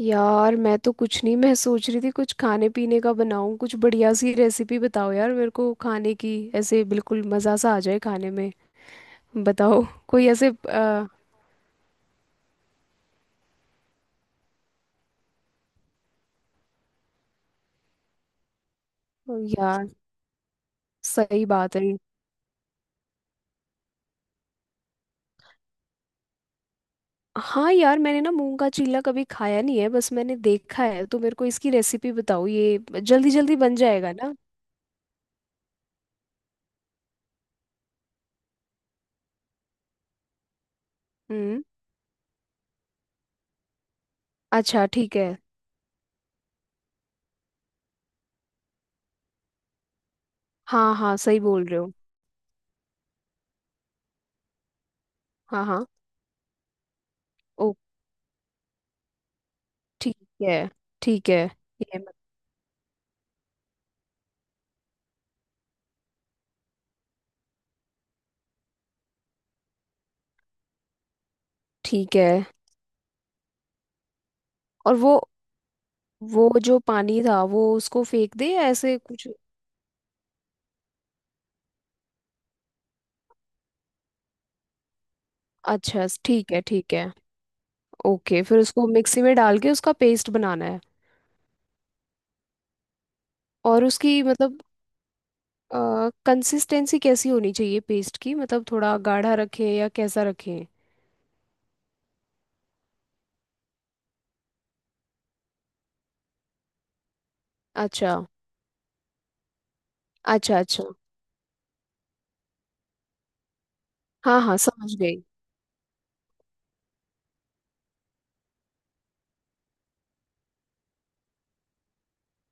यार मैं तो कुछ नहीं, मैं सोच रही थी कुछ खाने पीने का बनाऊं। कुछ बढ़िया सी रेसिपी बताओ यार मेरे को खाने की। ऐसे बिल्कुल मज़ा सा आ जाए खाने में। बताओ। कोई ऐसे यार, सही बात है। हाँ यार, मैंने ना मूंग का चीला कभी खाया नहीं है, बस मैंने देखा है, तो मेरे को इसकी रेसिपी बताओ। ये जल्दी जल्दी बन जाएगा ना? हम्म। अच्छा, ठीक है। हाँ हाँ, सही बोल रहे हो। हाँ हाँ। ओ। ठीक है। ठीक है। ये मत- ठीक है। और वो जो पानी था, वो उसको फेंक दे या ऐसे कुछ? अच्छा, ठीक है। ठीक है। ओके, फिर उसको मिक्सी में डाल के उसका पेस्ट बनाना है। और उसकी मतलब कंसिस्टेंसी कैसी होनी चाहिए पेस्ट की? मतलब थोड़ा गाढ़ा रखें या कैसा रखें? अच्छा। अच्छा अच्छा। हाँ हाँ, समझ गई।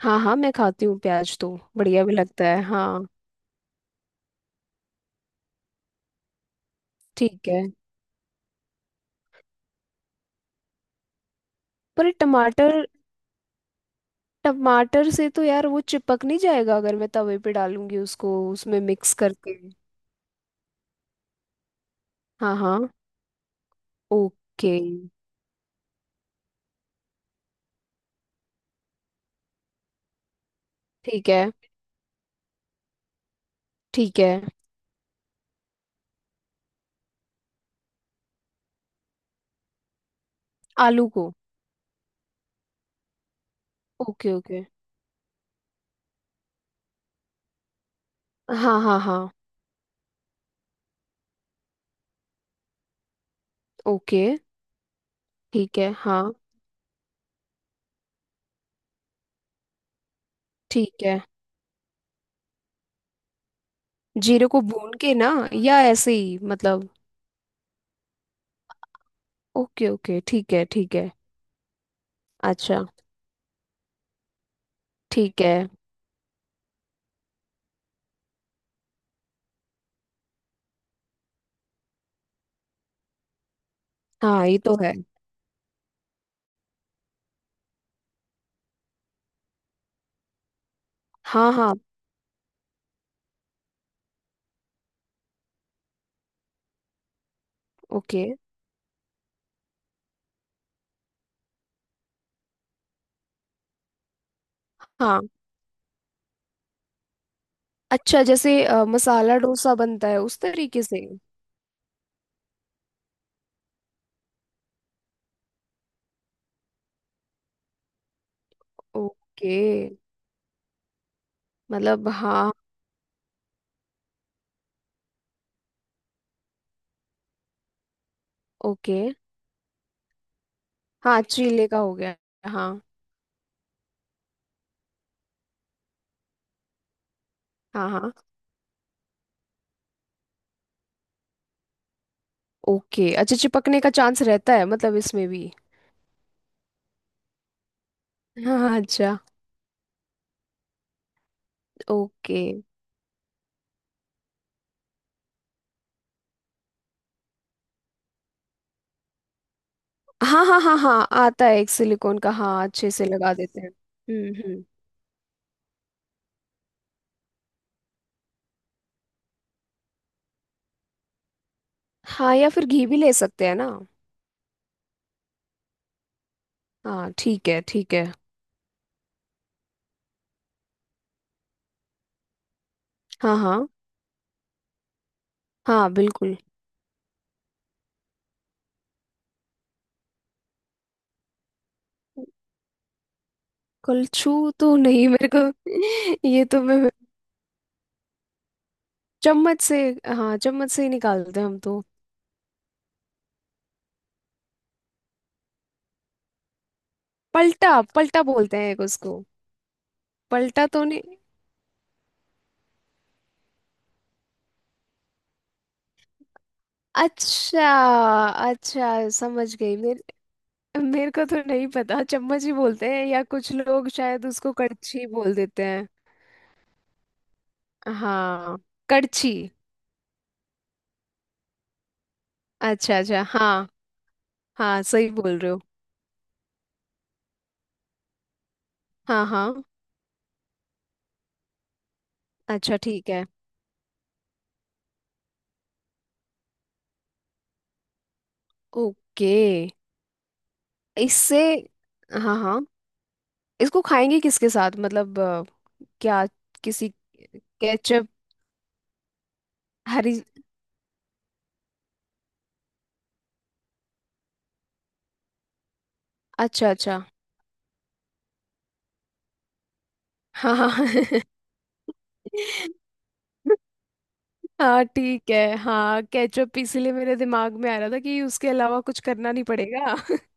हाँ हाँ, मैं खाती हूँ प्याज, तो बढ़िया भी लगता है। हाँ। ठीक है। पर ये टमाटर टमाटर से तो यार वो चिपक नहीं जाएगा, अगर मैं तवे पे डालूंगी उसको, उसमें मिक्स करके? हाँ हाँ। ओके। ठीक है। ठीक है। आलू को? Okay okay. हाँ हाँ हाँ। ओके। ठीक है हाँ। ठीक है। जीरे को भून के ना, या ऐसे ही मतलब? ओके ओके, ठीक है ठीक है। अच्छा। ठीक है। हाँ, ये तो है। हाँ हाँ। ओके। हाँ, अच्छा, जैसे मसाला डोसा बनता है उस तरीके से? ओके। मतलब हाँ। ओके। हाँ, चीले का हो गया। हाँ हाँ हाँ। ओके। अच्छा, चिपकने का चांस रहता है मतलब इसमें भी? हाँ अच्छा। ओके। हाँ हाँ हाँ हाँ, आता है एक सिलिकॉन का। हाँ, अच्छे से लगा देते हैं। हम्म। हाँ, या फिर घी भी ले सकते हैं ना? हाँ ठीक है, ठीक है। हाँ हाँ। हाँ बिल्कुल। कलछू तो नहीं मेरे को। ये तो मैं। चम्मच से। हाँ, चम्मच से ही निकालते हैं हम तो। पलटा। पलटा बोलते हैं एक उसको। पलटा तो नहीं। अच्छा अच्छा, समझ गई। मेरे मेरे को तो नहीं पता, चम्मच ही बोलते हैं, या कुछ लोग शायद उसको कड़छी बोल देते हैं। हाँ, कड़छी। अच्छा अच्छा हाँ। हाँ, सही बोल रहे हो। हाँ हाँ। अच्छा, ठीक है। ओके। इससे। हाँ हाँ। इसको खाएंगे किसके साथ मतलब क्या? किसी। केचप? हरी। अच्छा अच्छा। हाँ हाँ। हाँ ठीक है। हाँ, केचप इसीलिए मेरे दिमाग में आ रहा था, कि उसके अलावा कुछ करना नहीं पड़ेगा।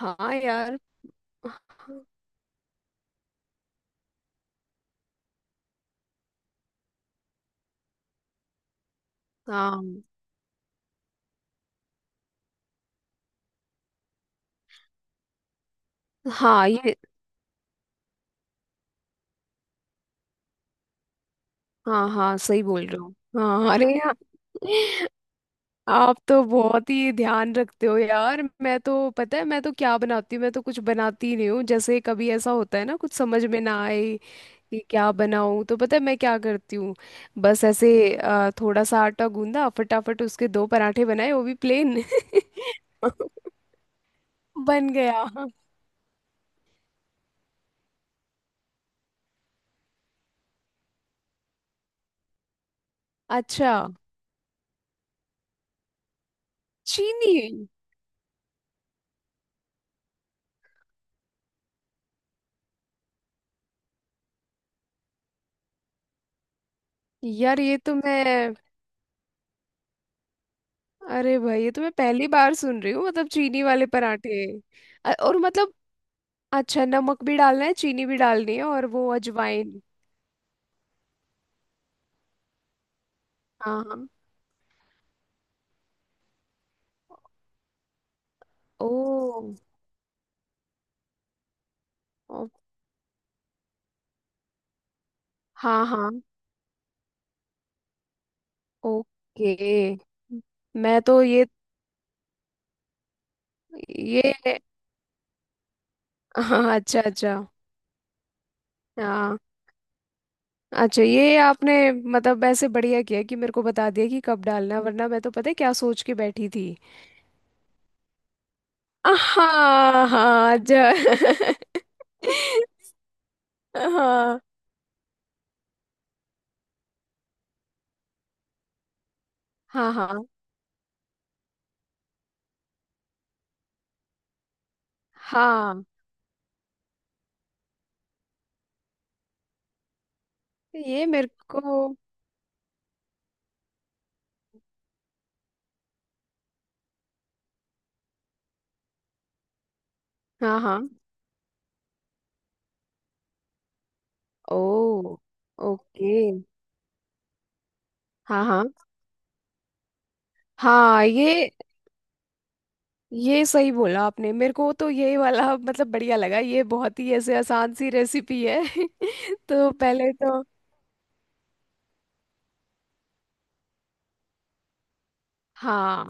हाँ यार। हाँ हाँ ये। हाँ हाँ, सही बोल रहे हो। हाँ अरे यार, आप तो बहुत ही ध्यान रखते हो यार। मैं तो पता है मैं तो क्या बनाती हूँ, मैं तो कुछ बनाती ही नहीं हूँ। जैसे कभी ऐसा होता है ना कुछ समझ में ना आए कि क्या बनाऊँ, तो पता है मैं क्या करती हूँ? बस ऐसे थोड़ा सा आटा गूंदा, फटाफट उसके दो पराठे बनाए, वो भी प्लेन। बन गया। अच्छा। चीनी। यार ये तो मैं। अरे भाई, ये तो मैं पहली बार सुन रही हूँ, मतलब चीनी वाले पराठे। और मतलब, अच्छा, नमक भी डालना है, चीनी भी डालनी है और वो अजवाइन? हाँ हाँ। ओ, ओ। हाँ हाँ। ओके। मैं तो ये। ये। हाँ अच्छा अच्छा। हाँ, अच्छा, ये आपने मतलब ऐसे बढ़िया किया कि मेरे को बता दिया कि कब डालना है, वरना मैं तो पता है क्या सोच के बैठी थी। हाँ। हाँ अच्छा। हाँ हाँ हाँ हाँ। ये मेरे को। हाँ हाँ। ओ। ओके। हाँ हाँ हाँ। ये। ये सही बोला आपने। मेरे को तो ये वाला मतलब बढ़िया लगा, ये बहुत ही ऐसे आसान सी रेसिपी है। तो पहले तो। हाँ,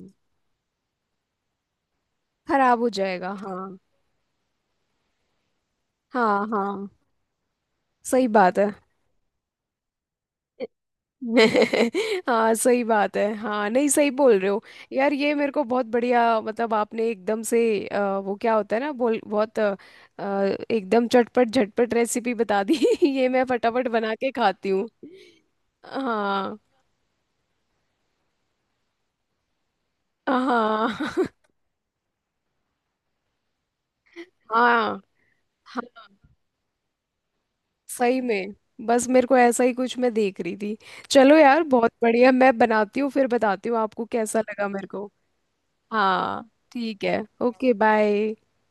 खराब हो जाएगा हाँ। हाँ हाँ, सही बात है। हाँ सही बात है हाँ, नहीं सही बोल रहे हो। यार, ये मेरे को बहुत बढ़िया, मतलब आपने एकदम से वो क्या होता है ना, बोल बहुत अ, एकदम चटपट झटपट रेसिपी बता दी। ये मैं फटाफट बना के खाती हूँ। हाँ हाँ। हाँ हाँ, सही में। बस मेरे को ऐसा ही कुछ मैं देख रही थी। चलो यार, बहुत बढ़िया। मैं बनाती हूँ, फिर बताती हूँ आपको कैसा लगा मेरे को। हाँ ठीक है। Okay, bye.